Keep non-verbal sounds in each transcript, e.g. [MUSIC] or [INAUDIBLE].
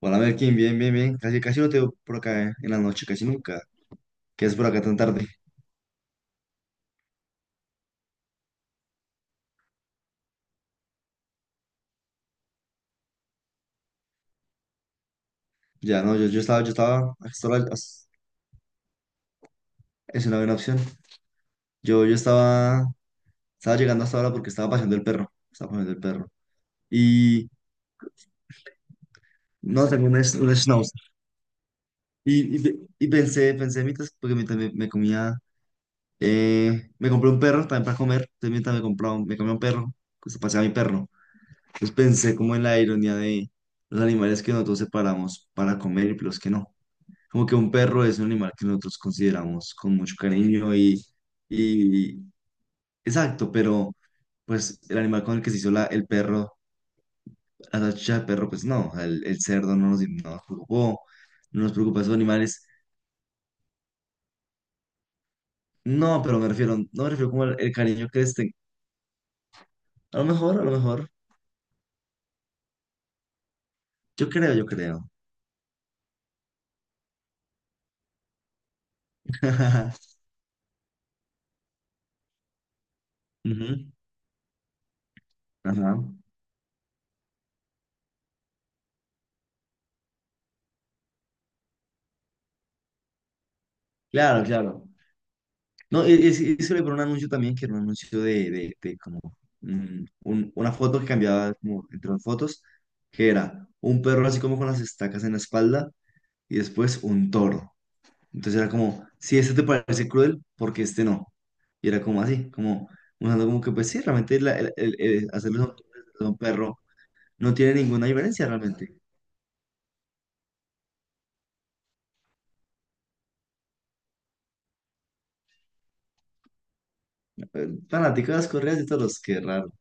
Hola Merkin, bien, bien, bien. Casi, casi no te veo por acá en la noche, casi nunca. ¿Qué es por acá tan tarde? Ya, no, yo estaba hasta ahora, es una buena opción. Yo estaba llegando hasta ahora porque estaba paseando el perro, Y no, tengo un schnauzer. Y pensé mientras, porque mientras me comía, me compré un perro también para comer, entonces mientras me compraba, me comía un perro, pues paseaba mi perro. Entonces pensé como en la ironía de los animales que nosotros separamos para comer y los que no. Como que un perro es un animal que nosotros consideramos con mucho cariño y exacto, pero pues el animal con el que se hizo el perro, la salchicha del perro, pues no, el cerdo no nos preocupó, no nos preocupa esos animales. No, pero me refiero, no me refiero como el cariño que les tengo. A lo mejor, yo creo, yo creo. [LAUGHS] Ujú, ajá. Claro, claro. No, y se le por un anuncio también, que era un anuncio de como una foto que cambiaba como entre las fotos, que era un perro así como con las estacas en la espalda y después un toro. Entonces era como, si este te parece cruel, ¿porque este no? Y era como así, como mostrando como que pues sí, realmente el hacerle un perro no tiene ninguna diferencia realmente. Fanático de las correas de toros, qué raro.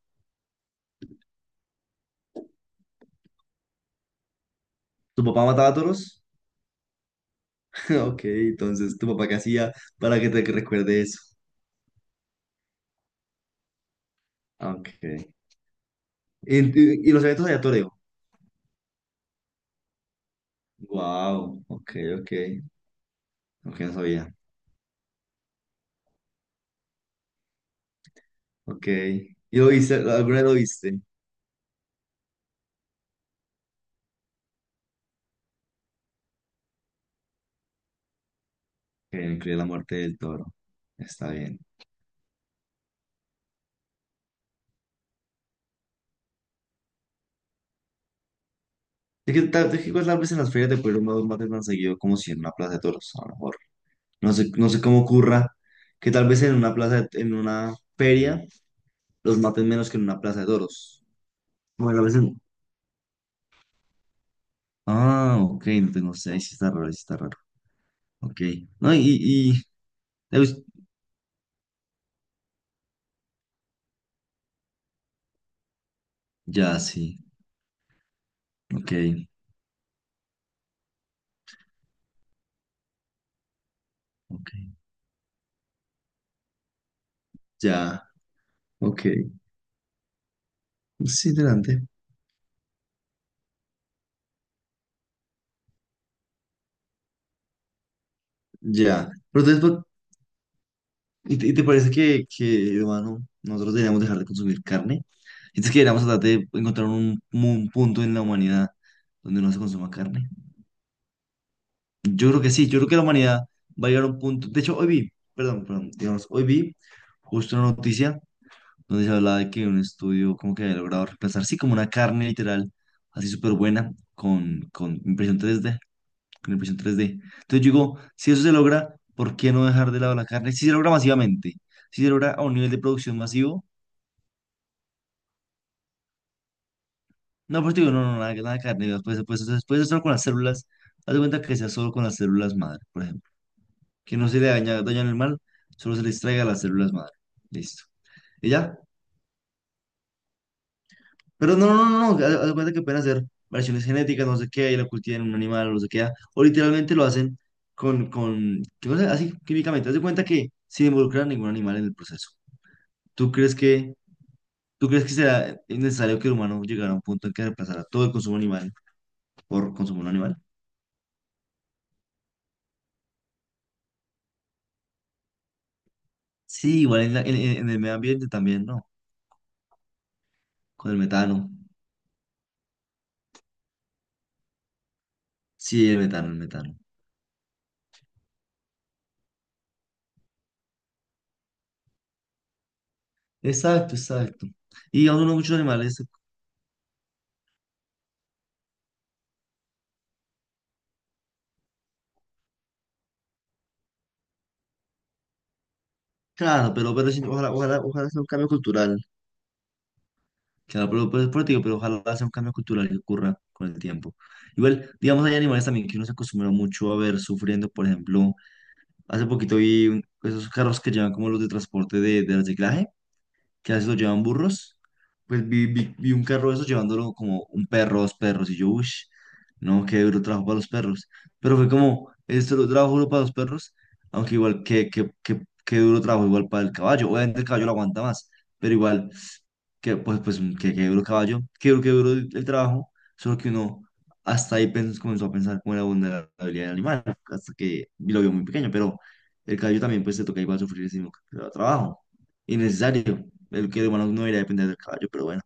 ¿Tu papá mataba toros? [LAUGHS] Ok, entonces, ¿tu papá qué hacía para que te recuerde eso? Ok. ¿Y los eventos de aleatorio? Wow. Ok, ok. Ok, no sabía. Ok. ¿Y lo viste? ¿Alguna vez lo viste? Que incluye la muerte del toro. Está bien. Es que igual tal vez en las ferias de Pueblo no maten tan seguido como si en una plaza de toros, a lo mejor. No sé, no sé cómo ocurra que tal vez en una plaza, en una feria, los maten menos que en una plaza de toros. Bueno, a veces no. Ah, ok, no tengo, sé, ahí sí está raro, ahí sí está raro. Ok. No, ya, sí, ok. Ok. Ya, ok. Es interesante. Ya. Pero entonces, y te parece que, hermano, nosotros deberíamos dejar de consumir carne? Entonces que deberíamos tratar de encontrar un punto en la humanidad donde no se consuma carne. Yo creo que sí, yo creo que la humanidad va a llegar a un punto. De hecho, perdón, digamos, hoy vi justo una noticia donde se hablaba de que un estudio como que había logrado reemplazar, sí, como una carne literal, así súper buena, con impresión 3D Entonces yo digo, si eso se logra, ¿por qué no dejar de lado la carne? Si se logra masivamente, si se logra a un nivel de producción masivo, no, pues digo, no, nada, nada de carne, después, después, después, solo con las células, haz de cuenta que sea solo con las células madre, por ejemplo, que no se le daña el mal, solo se le extraiga las células madre, listo. Y ya, pero no, no, no, no, haz de cuenta que pueden hacer variaciones genéticas, no sé qué, y la cultivan en un animal, no sé qué, o literalmente lo hacen con, yo no sé, así químicamente, haz de cuenta que sin involucrar ningún animal en el proceso. ¿Tú crees que, Tú crees que será necesario que el humano llegara a un punto en que reemplazara todo el consumo animal por consumo no animal? Sí, igual en, la- en el medio ambiente también, ¿no? Con el metano. Sí, el metano, el metano. Exacto, exacto. Y aún no muchos animales, claro, pero sí, ojalá, ojalá, ojalá sea un cambio cultural. Claro, pero, te digo, pero ojalá sea un cambio cultural que ocurra con el tiempo. Igual, digamos, hay animales también que uno se acostumbra mucho a ver sufriendo, por ejemplo, hace poquito vi esos carros que llevan como los de transporte de reciclaje que a veces lo llevan burros, pues vi un carro de esos llevándolo como un perro, dos perros, y yo, uff, no, qué duro trabajo para los perros. Pero fue como, esto lo trabajo duro para los perros, aunque igual que, qué duro trabajo igual para el caballo. Obviamente el caballo lo aguanta más, pero igual, pues qué que duro caballo, qué duro, que duro el trabajo, solo que uno hasta ahí comenzó a pensar como la vulnerabilidad del animal, hasta que lo vio muy pequeño, pero el caballo también pues se toca igual sufrir ese mismo trabajo. Innecesario. El que humano no debería depender del caballo, pero bueno.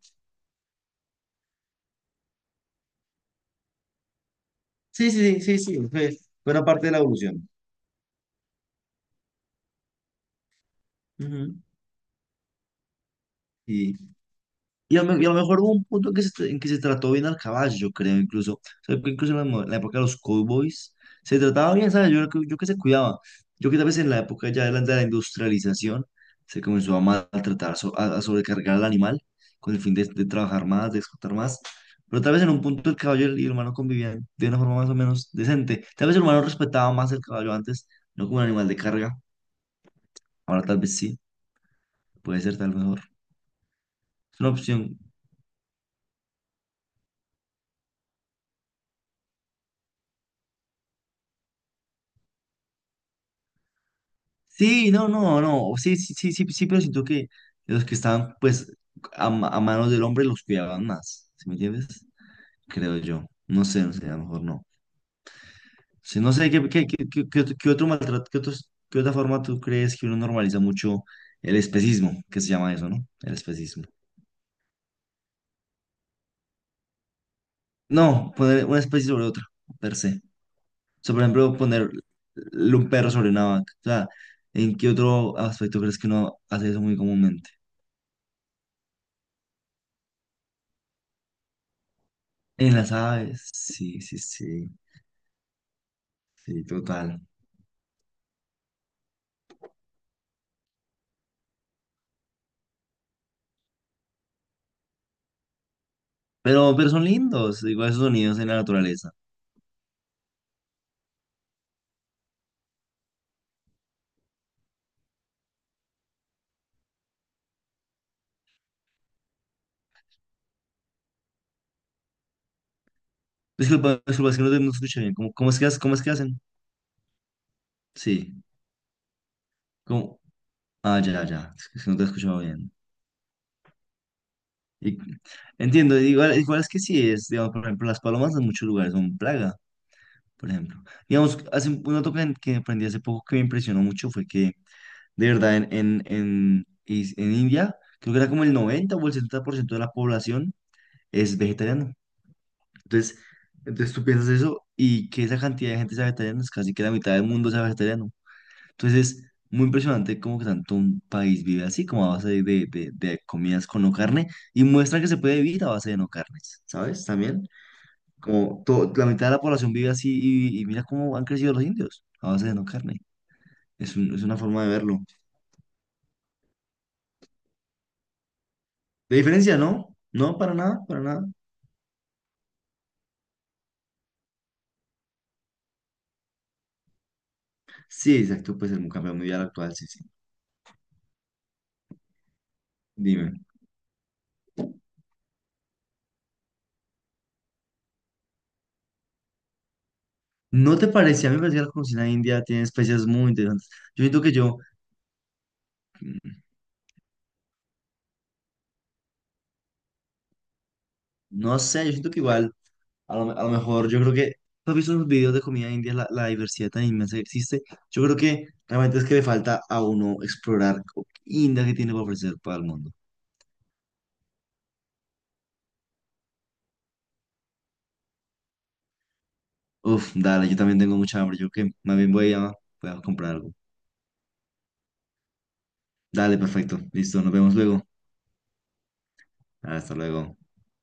Sí, sí, sí, sí, sí. Fue una parte de la evolución. Ujú. Y y a lo mejor hubo un punto en que en que se trató bien al caballo, yo creo, incluso. O sea, que incluso en la época de los cowboys se trataba bien, ¿sabes? Yo que se cuidaba. Yo que tal vez en la época ya de la industrialización se comenzó a maltratar, a sobrecargar al animal con el fin de trabajar más, de explotar más. Pero tal vez en un punto el caballo y el humano convivían de una forma más o menos decente. Tal vez el humano respetaba más el caballo antes, no como un animal de carga. Ahora tal vez sí, puede ser tal vez mejor. Es una opción. Sí, no, no, no, sí, sí, sí, sí, sí, pero siento que los que estaban, pues, a manos del hombre los cuidaban más, ¿sí me entiendes? Creo yo, no sé, no sé, a lo mejor no. Sí, no sé, ¿ qué otro maltrato, qué otra forma tú crees que uno normaliza mucho el especismo, que se llama eso, ¿no? El especismo. No, poner una especie sobre otra, per se. O sea, por ejemplo, poner un perro sobre una vaca. O sea, ¿en qué otro aspecto crees que uno hace eso muy comúnmente? En las aves, sí, sí, sí. Sí, total. Pero son lindos, digo, esos sonidos en la naturaleza. Disculpa, disculpa, es que no te escuché bien. ¿Cómo, cómo es que, cómo es que hacen? Sí. ¿Cómo? Ah, ya, ya. Es que no te he escuchado bien. Y- Entiendo, igual, es que sí es, digamos, por ejemplo, las palomas en muchos lugares son plaga, por ejemplo. Digamos, hace un dato que aprendí hace poco que me impresionó mucho fue que, de verdad, en India, creo que era como el 90 o el 70% de la población es vegetariano. Entonces, tú piensas eso y que esa cantidad de gente sea vegetariana es casi que la mitad del mundo sea vegetariano. Entonces es muy impresionante cómo que tanto un país vive así, como a base de comidas con no carne, y muestra que se puede vivir a base de no carnes, ¿sabes? También, como la mitad de la población vive así y mira cómo han crecido los indios a base de no carne. Es, es una forma de verlo. De diferencia, ¿no? No, para nada, para nada. Sí, exacto, pues el campeón mundial actual, sí, sí. Dime. ¿No te parece? A mí me parece que la cocina india tiene especies muy interesantes. Yo siento que yo, no sé, Yo siento que igual, a lo mejor, yo creo que, ¿tú has visto en los videos de comida india, la diversidad tan inmensa que existe? Yo creo que realmente es que le falta a uno explorar India que tiene para ofrecer para el mundo. Uf, dale, yo también tengo mucha hambre. Yo que más bien voy a comprar algo. Dale, perfecto. Listo, nos vemos luego. Hasta luego.